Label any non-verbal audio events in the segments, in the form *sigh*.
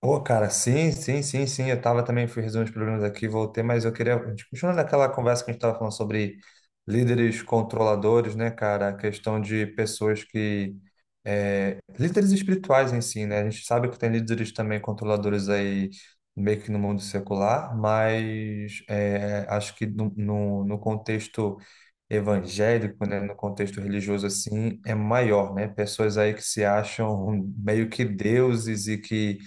Pô, cara, sim, sim, sim, sim. Eu tava também, fui resolver os problemas aqui, voltei, mas eu queria. A gente Continuando aquela conversa que a gente tava falando sobre líderes controladores, né, cara? A questão de pessoas que. É, Líderes espirituais em si, né? A gente sabe que tem líderes também controladores aí, meio que no mundo secular, mas acho que no contexto evangélico, né, no contexto religioso assim, é maior, né? Pessoas aí que se acham meio que deuses e que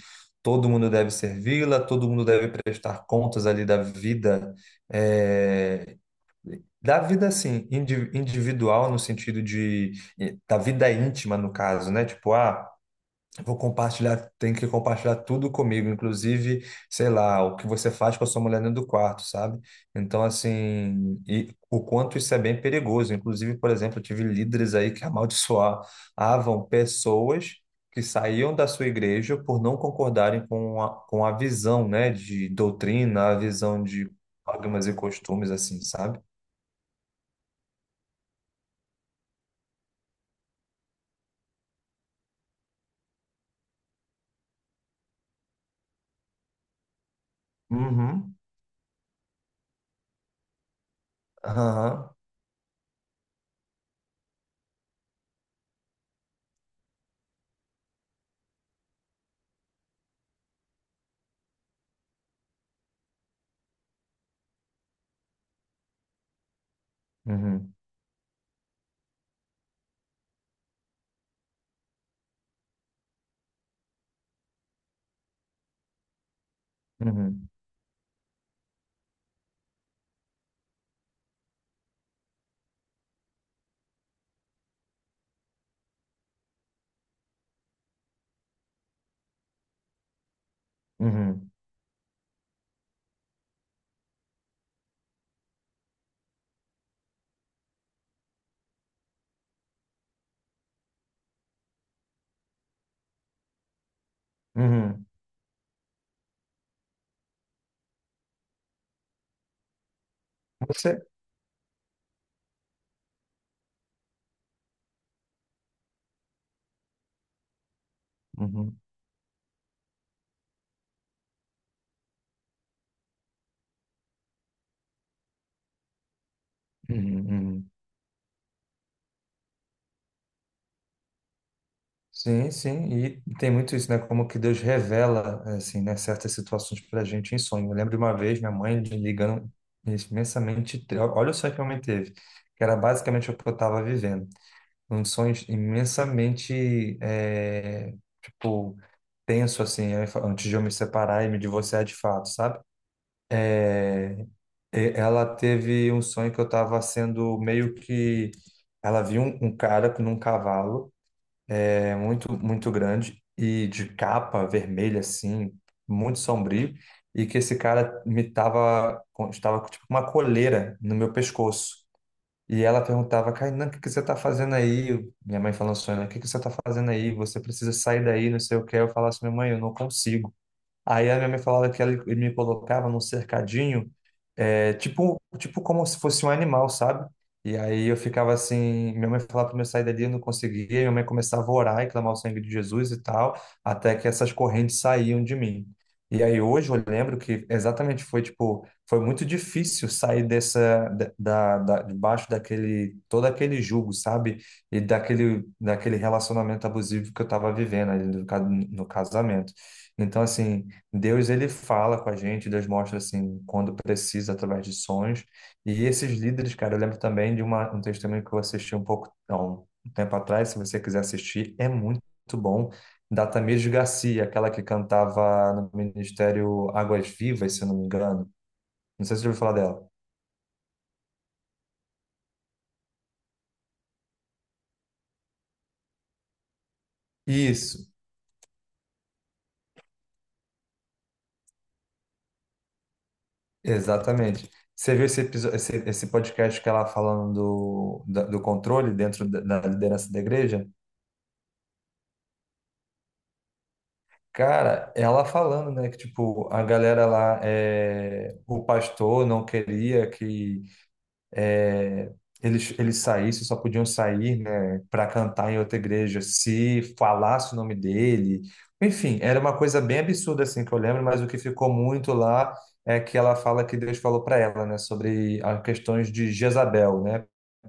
todo mundo deve servi-la, todo mundo deve prestar contas ali da vida, eh, da vida assim, individual no sentido de da vida íntima no caso, né? Tipo, ah, vou compartilhar, tem que compartilhar tudo comigo, inclusive, sei lá, o que você faz com a sua mulher dentro do quarto, sabe? Então, assim, e o quanto isso é bem perigoso. Inclusive, por exemplo, eu tive líderes aí que amaldiçoavam pessoas que saíam da sua igreja por não concordarem com a visão, né, de doutrina, a visão de dogmas e costumes, assim, sabe? Uhum, aham, uhum, uhum, uhum, uhum. Você? Uhum, uhum, uhum. Sim, sim, e tem muito isso, né? Como que Deus revela, assim, né, certas situações para a gente em sonho. Eu lembro de uma vez minha mãe me ligando imensamente, olha só que homem teve, que era basicamente o que eu estava vivendo. Um sonho imensamente, tipo, tenso, assim, antes de eu me separar e me divorciar de fato, sabe? É, ela teve um sonho que eu estava sendo meio que. Ela viu um cara num cavalo. É muito, muito grande e de capa vermelha, assim, muito sombrio. E que esse cara estava com tipo, uma coleira no meu pescoço. E ela perguntava: Kainan, o que que você tá fazendo aí? Minha mãe falando assim, né? O que que você tá fazendo aí? Você precisa sair daí, não sei o que. Eu falava assim: minha mãe, eu não consigo. Aí a minha mãe falava que ela, ele me colocava num cercadinho, é, tipo como se fosse um animal, sabe? E aí eu ficava assim, minha mãe falava para eu sair dali, eu não conseguia, minha mãe começava a orar e clamar o sangue de Jesus e tal, até que essas correntes saíam de mim. E aí hoje eu lembro que exatamente foi tipo, foi muito difícil sair dessa, debaixo daquele, todo aquele jugo, sabe? E daquele relacionamento abusivo que eu estava vivendo ali no casamento. Então, assim, Deus ele fala com a gente, Deus mostra assim quando precisa através de sonhos. E esses líderes, cara, eu lembro também de um testemunho que eu assisti um pouco, não, um tempo atrás, se você quiser assistir, é muito bom, da Tamires Garcia, aquela que cantava no Ministério Águas Vivas, se eu não me engano. Não sei se você ouviu falar dela. Isso, exatamente. Você viu episódio, esse podcast que ela falando do controle dentro da liderança da igreja? Cara, ela falando, né, que tipo, a galera lá, é, o pastor não queria que é, eles, eles saíssem, só podiam sair, né, para cantar em outra igreja se falasse o nome dele. Enfim, era uma coisa bem absurda assim que eu lembro, mas o que ficou muito lá é que ela fala que Deus falou para ela, né, sobre as questões de Jezabel, né?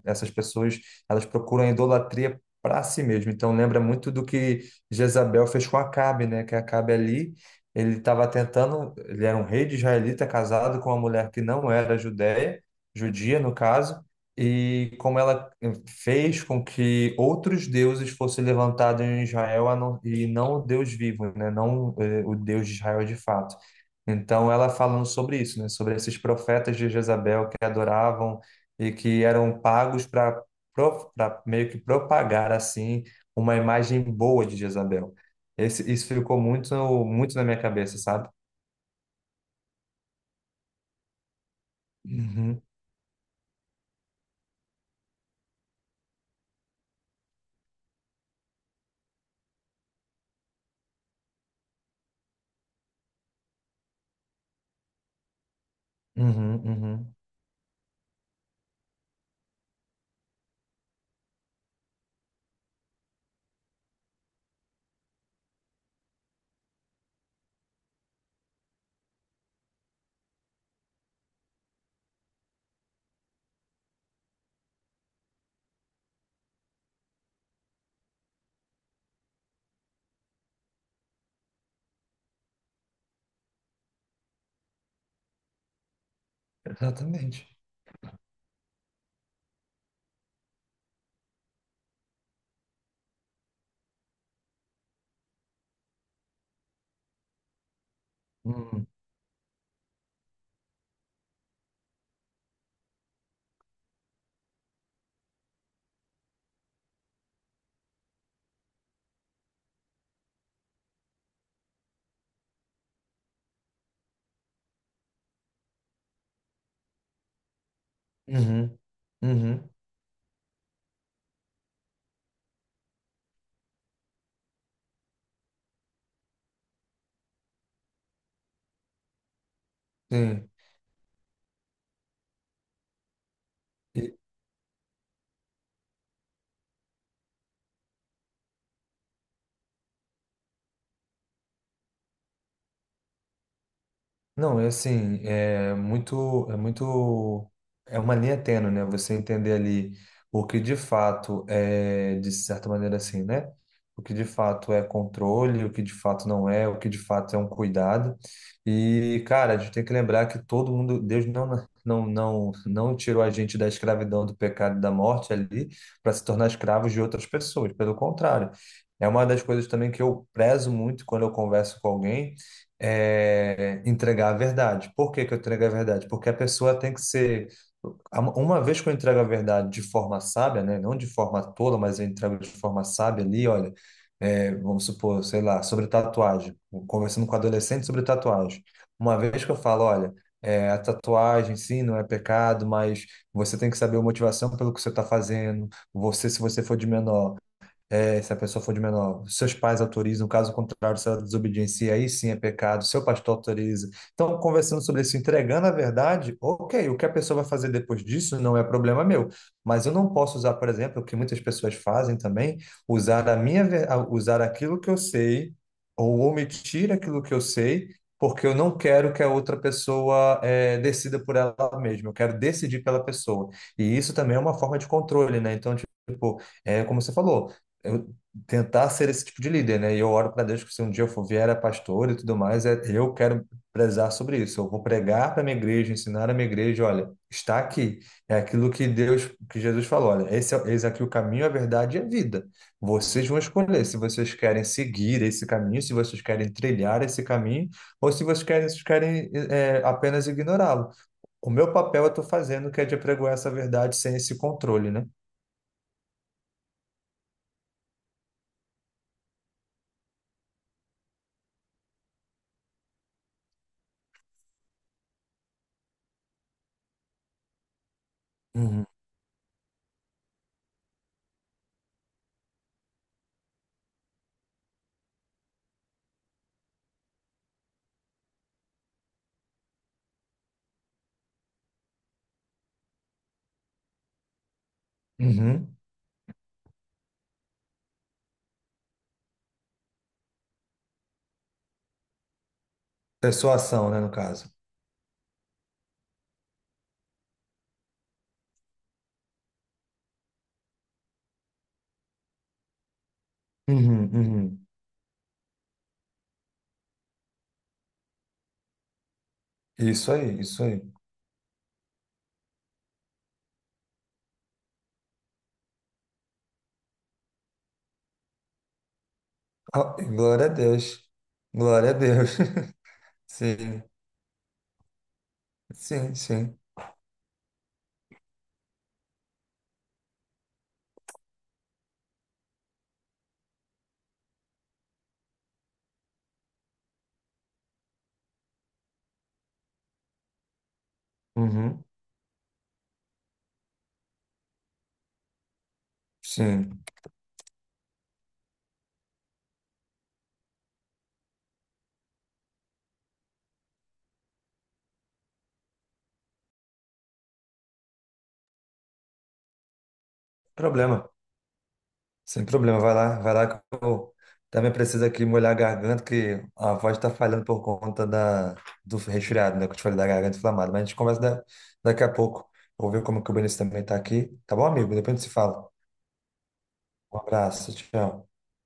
Essas pessoas, elas procuram a idolatria para si mesmo. Então lembra muito do que Jezabel fez com Acabe, né? Que Acabe ali ele estava tentando, ele era um rei de israelita casado com uma mulher que não era judeia, judia no caso, e como ela fez com que outros deuses fossem levantados em Israel a não- e não o Deus vivo, né? Não o Deus de Israel de fato. Então ela falando sobre isso, né? Sobre esses profetas de Jezabel que adoravam e que eram pagos para meio que propagar assim uma imagem boa de Jezabel. Isso ficou muito muito na minha cabeça, sabe? Uhum, uhum, uhum. Exatamente. Uhum, uhum, sim. E, não, é assim, é muito, é uma linha tênue, né? Você entender ali o que de fato é, de certa maneira assim, né? O que de fato é controle, o que de fato não é, o que de fato é um cuidado. E, cara, a gente tem que lembrar que todo mundo, Deus não tirou a gente da escravidão, do pecado e da morte ali para se tornar escravos de outras pessoas. Pelo contrário, é uma das coisas também que eu prezo muito quando eu converso com alguém entregar a verdade. Por que que eu entrego a verdade? Porque a pessoa tem que ser. Uma vez que eu entrego a verdade de forma sábia, né? Não de forma tola, mas eu entrego de forma sábia ali, olha, vamos supor, sei lá, sobre tatuagem, conversando com adolescente sobre tatuagem. Uma vez que eu falo, olha, a tatuagem, sim, não é pecado, mas você tem que saber a motivação pelo que você está fazendo. Se você for de menor, se a pessoa for de menor, seus pais autorizam, caso contrário, se ela desobediência, aí sim é pecado, seu pastor autoriza. Então, conversando sobre isso, entregando a verdade, ok, o que a pessoa vai fazer depois disso não é problema meu. Mas eu não posso usar, por exemplo, o que muitas pessoas fazem também, usar a usar aquilo que eu sei, ou omitir aquilo que eu sei, porque eu não quero que a outra pessoa decida por ela mesma, eu quero decidir pela pessoa. E isso também é uma forma de controle, né? Então, tipo, é como você falou, eu tentar ser esse tipo de líder, né? E eu oro para Deus que se um dia eu for vier a pastor e tudo mais, eu quero prezar sobre isso. Eu vou pregar para minha igreja, ensinar a minha igreja, olha, está aqui. É aquilo que Deus, que Jesus falou, olha, eis aqui o caminho, a verdade e a vida. Vocês vão escolher se vocês querem seguir esse caminho, se vocês querem trilhar esse caminho, ou se vocês querem, é, apenas ignorá-lo. O meu papel eu estou fazendo, que é de apregoar essa verdade sem esse controle, né? Uhum. Uhum. Persuasão, né, no caso. Uhum, uhum. Isso aí, isso aí. Ah, glória a Deus. Glória a Deus. *laughs* Sim, sim, sim. Uhum, sim. Problema. Sem problema. Vai lá que eu também preciso aqui molhar a garganta, que a voz está falhando por conta da, do resfriado, né? Que eu te falei da garganta inflamada. Mas a gente conversa daqui a pouco. Vou ver como que o Benício também está aqui. Tá bom, amigo? Depois a gente se fala. Um abraço, tchau.